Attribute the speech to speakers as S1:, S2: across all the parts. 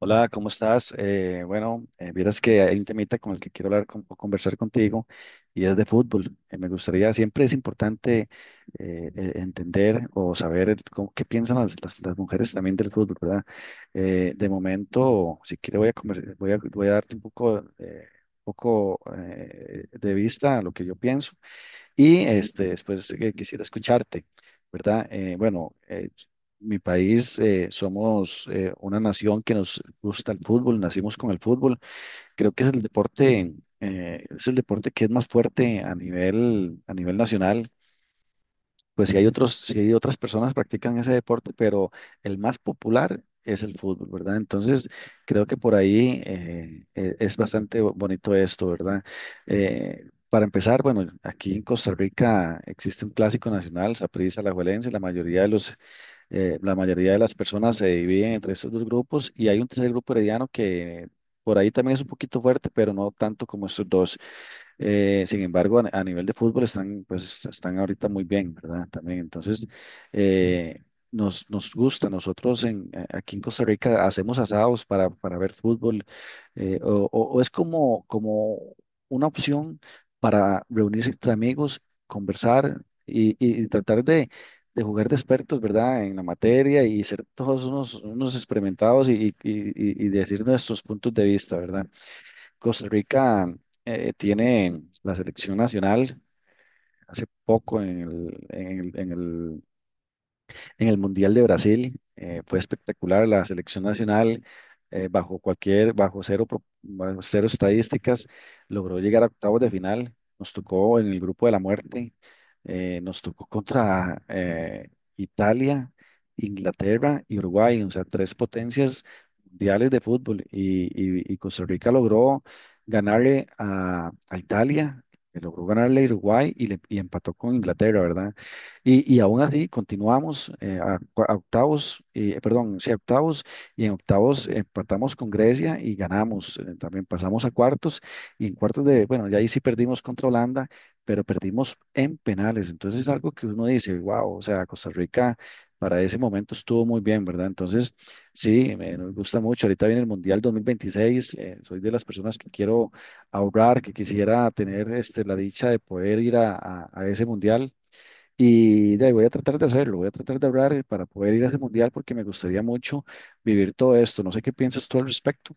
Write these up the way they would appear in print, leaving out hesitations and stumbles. S1: Hola, ¿cómo estás? Bueno, vieras que hay un temita con el que quiero hablar con- o conversar contigo y es de fútbol. Me gustaría, siempre es importante entender o saber qué piensan las mujeres también del fútbol, ¿verdad? De momento, si quieres voy a, conver- voy a, voy a darte un poco, de vista a lo que yo pienso y este, después quisiera escucharte, ¿verdad? Bueno, mi país, somos una nación que nos gusta el fútbol, nacimos con el fútbol. Creo que es el deporte que es más fuerte a nivel nacional. Pues sí hay otras personas que practican ese deporte, pero el más popular es el fútbol, ¿verdad? Entonces, creo que por ahí es bastante bonito esto, ¿verdad? Para empezar, bueno, aquí en Costa Rica existe un clásico nacional, Saprissa, Alajuelense, la mayoría de las personas se dividen entre estos dos grupos y hay un tercer grupo herediano que por ahí también es un poquito fuerte, pero no tanto como estos dos. Sin embargo, a nivel de fútbol están, pues, están ahorita muy bien, ¿verdad? También, entonces, eh, nos gusta. Nosotros aquí en Costa Rica hacemos asados para ver fútbol, o es como una opción para reunirse entre amigos, conversar y tratar de jugar de expertos, ¿verdad? En la materia y ser todos unos experimentados y decir nuestros puntos de vista, ¿verdad? Costa Rica tiene la selección nacional hace poco en el Mundial de Brasil. Fue espectacular la selección nacional, bajo cualquier, bajo cero, pro- bajo cero estadísticas, logró llegar a octavos de final. Nos tocó en el grupo de la muerte, nos tocó contra Italia, Inglaterra y Uruguay, o sea, tres potencias mundiales de fútbol. Y Costa Rica logró ganarle a Italia, que logró ganarle a Uruguay y, le, y empató con Inglaterra, ¿verdad? Y aún así continuamos a octavos, perdón, sí, a octavos, y en octavos empatamos con Grecia y ganamos. También pasamos a cuartos, y en cuartos de, bueno, ya ahí sí perdimos contra Holanda, pero perdimos en penales. Entonces es algo que uno dice, wow, o sea, Costa Rica para ese momento estuvo muy bien, ¿verdad? Entonces, sí, nos gusta mucho. Ahorita viene el Mundial 2026, soy de las personas que quiero ahorrar, que quisiera tener este, la dicha de poder ir a ese Mundial y de ahí voy a tratar de hacerlo, voy a tratar de hablar para poder ir a ese mundial porque me gustaría mucho vivir todo esto. No sé qué piensas tú al respecto.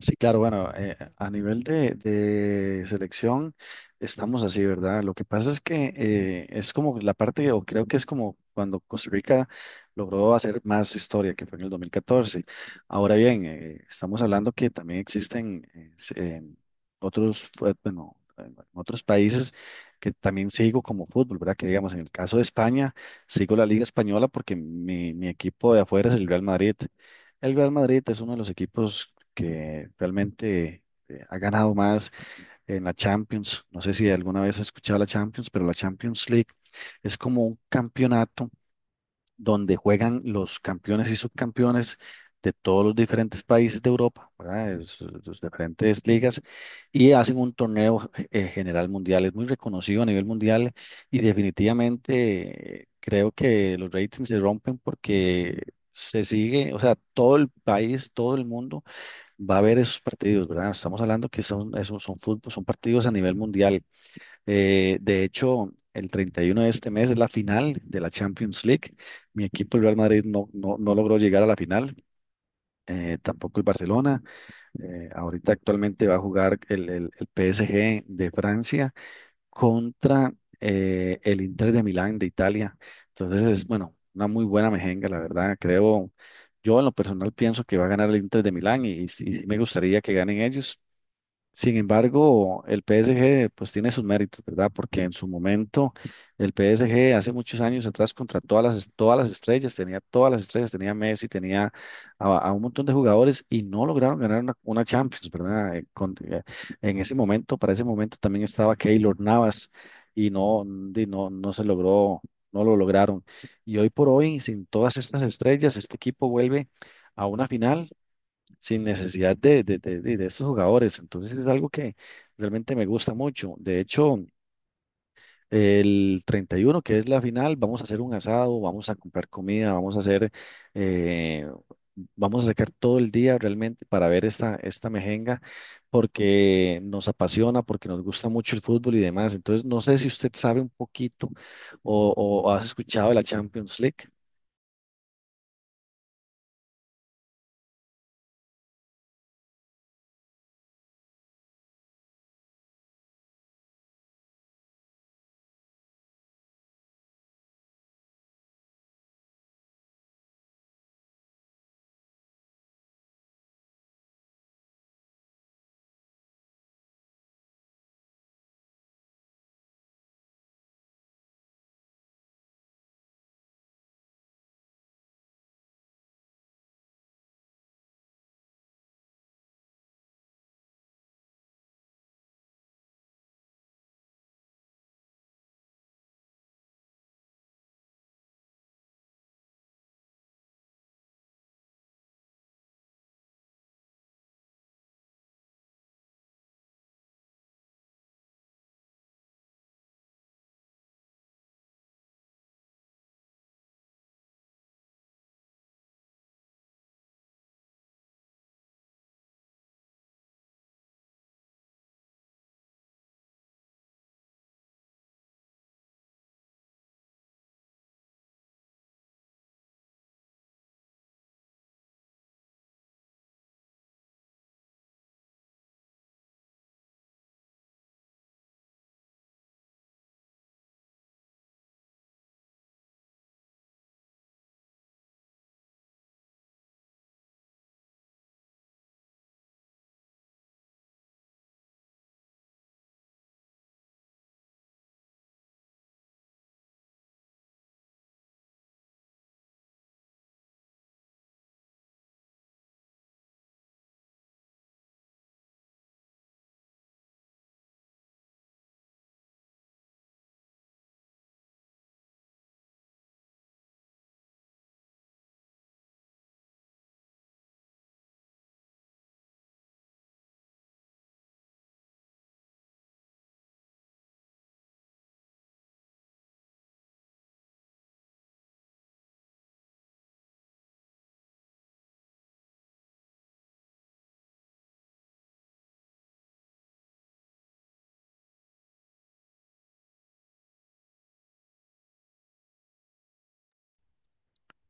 S1: Sí, claro, bueno, a nivel de selección estamos así, ¿verdad? Lo que pasa es que es como la parte, o creo que es como cuando Costa Rica logró hacer más historia, que fue en el 2014. Ahora bien, estamos hablando que también existen bueno, en otros países que también sigo como fútbol, ¿verdad? Que digamos, en el caso de España, sigo la Liga Española porque mi equipo de afuera es el Real Madrid. El Real Madrid es uno de los equipos que realmente ha ganado más en la Champions. No sé si alguna vez has escuchado la Champions, pero la Champions League es como un campeonato donde juegan los campeones y subcampeones de todos los diferentes países de Europa, ¿verdad? De sus diferentes ligas, y hacen un torneo general mundial. Es muy reconocido a nivel mundial y definitivamente creo que los ratings se rompen porque se sigue, o sea, todo el país, todo el mundo va a haber esos partidos, ¿verdad? Estamos hablando que esos son fútbol, son partidos a nivel mundial. De hecho, el 31 de este mes es la final de la Champions League. Mi equipo, el Real Madrid, no logró llegar a la final. Tampoco el Barcelona. Ahorita actualmente va a jugar el PSG de Francia contra el Inter de Milán de Italia. Entonces es, bueno, una muy buena mejenga, la verdad. Creo, yo en lo personal pienso que va a ganar el Inter de Milán y sí me gustaría que ganen ellos. Sin embargo, el PSG pues tiene sus méritos, ¿verdad? Porque en su momento el PSG hace muchos años atrás contrató todas las estrellas, tenía todas las estrellas, tenía a Messi, tenía a un montón de jugadores y no lograron ganar una Champions, ¿verdad? En ese momento, para ese momento también estaba Keylor Navas y no, y no se logró, no lo lograron. Y hoy por hoy, sin todas estas estrellas, este equipo vuelve a una final sin necesidad de estos jugadores. Entonces es algo que realmente me gusta mucho. De hecho, el 31 que es la final, vamos a hacer un asado, vamos a comprar comida, vamos a hacer, eh, vamos a sacar todo el día realmente para ver esta, esta mejenga, porque nos apasiona, porque nos gusta mucho el fútbol y demás. Entonces, no sé si usted sabe un poquito o has escuchado de la Champions League.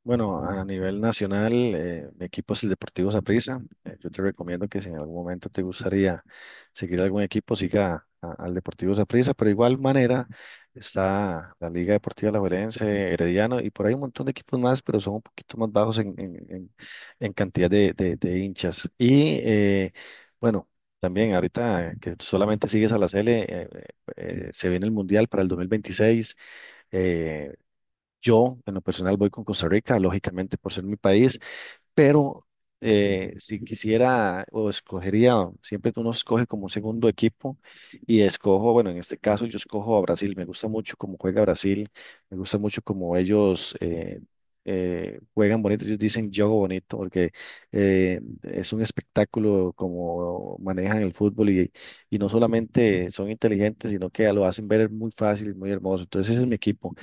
S1: Bueno, a nivel nacional, mi equipo es el Deportivo Saprissa. Yo te recomiendo que si en algún momento te gustaría seguir algún equipo, siga al Deportivo Saprissa, pero de igual manera está la Liga Deportiva Alajuelense, Herediano y por ahí un montón de equipos más, pero son un poquito más bajos en cantidad de hinchas. Bueno, también ahorita que solamente sigues a la Cele, se viene el Mundial para el 2026. eh, yo, en lo personal, voy con Costa Rica, lógicamente por ser mi país, pero si quisiera o escogería, siempre uno escoge como un segundo equipo y escojo, bueno, en este caso yo escojo a Brasil, me gusta mucho cómo juega Brasil, me gusta mucho cómo ellos juegan bonito, ellos dicen juego bonito porque es un espectáculo como manejan el fútbol y no solamente son inteligentes, sino que lo hacen ver muy fácil, muy hermoso, entonces ese es mi equipo.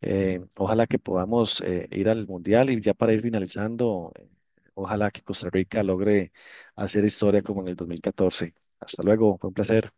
S1: Ojalá que podamos ir al Mundial y ya para ir finalizando, ojalá que Costa Rica logre hacer historia como en el 2014. Hasta luego, fue un placer.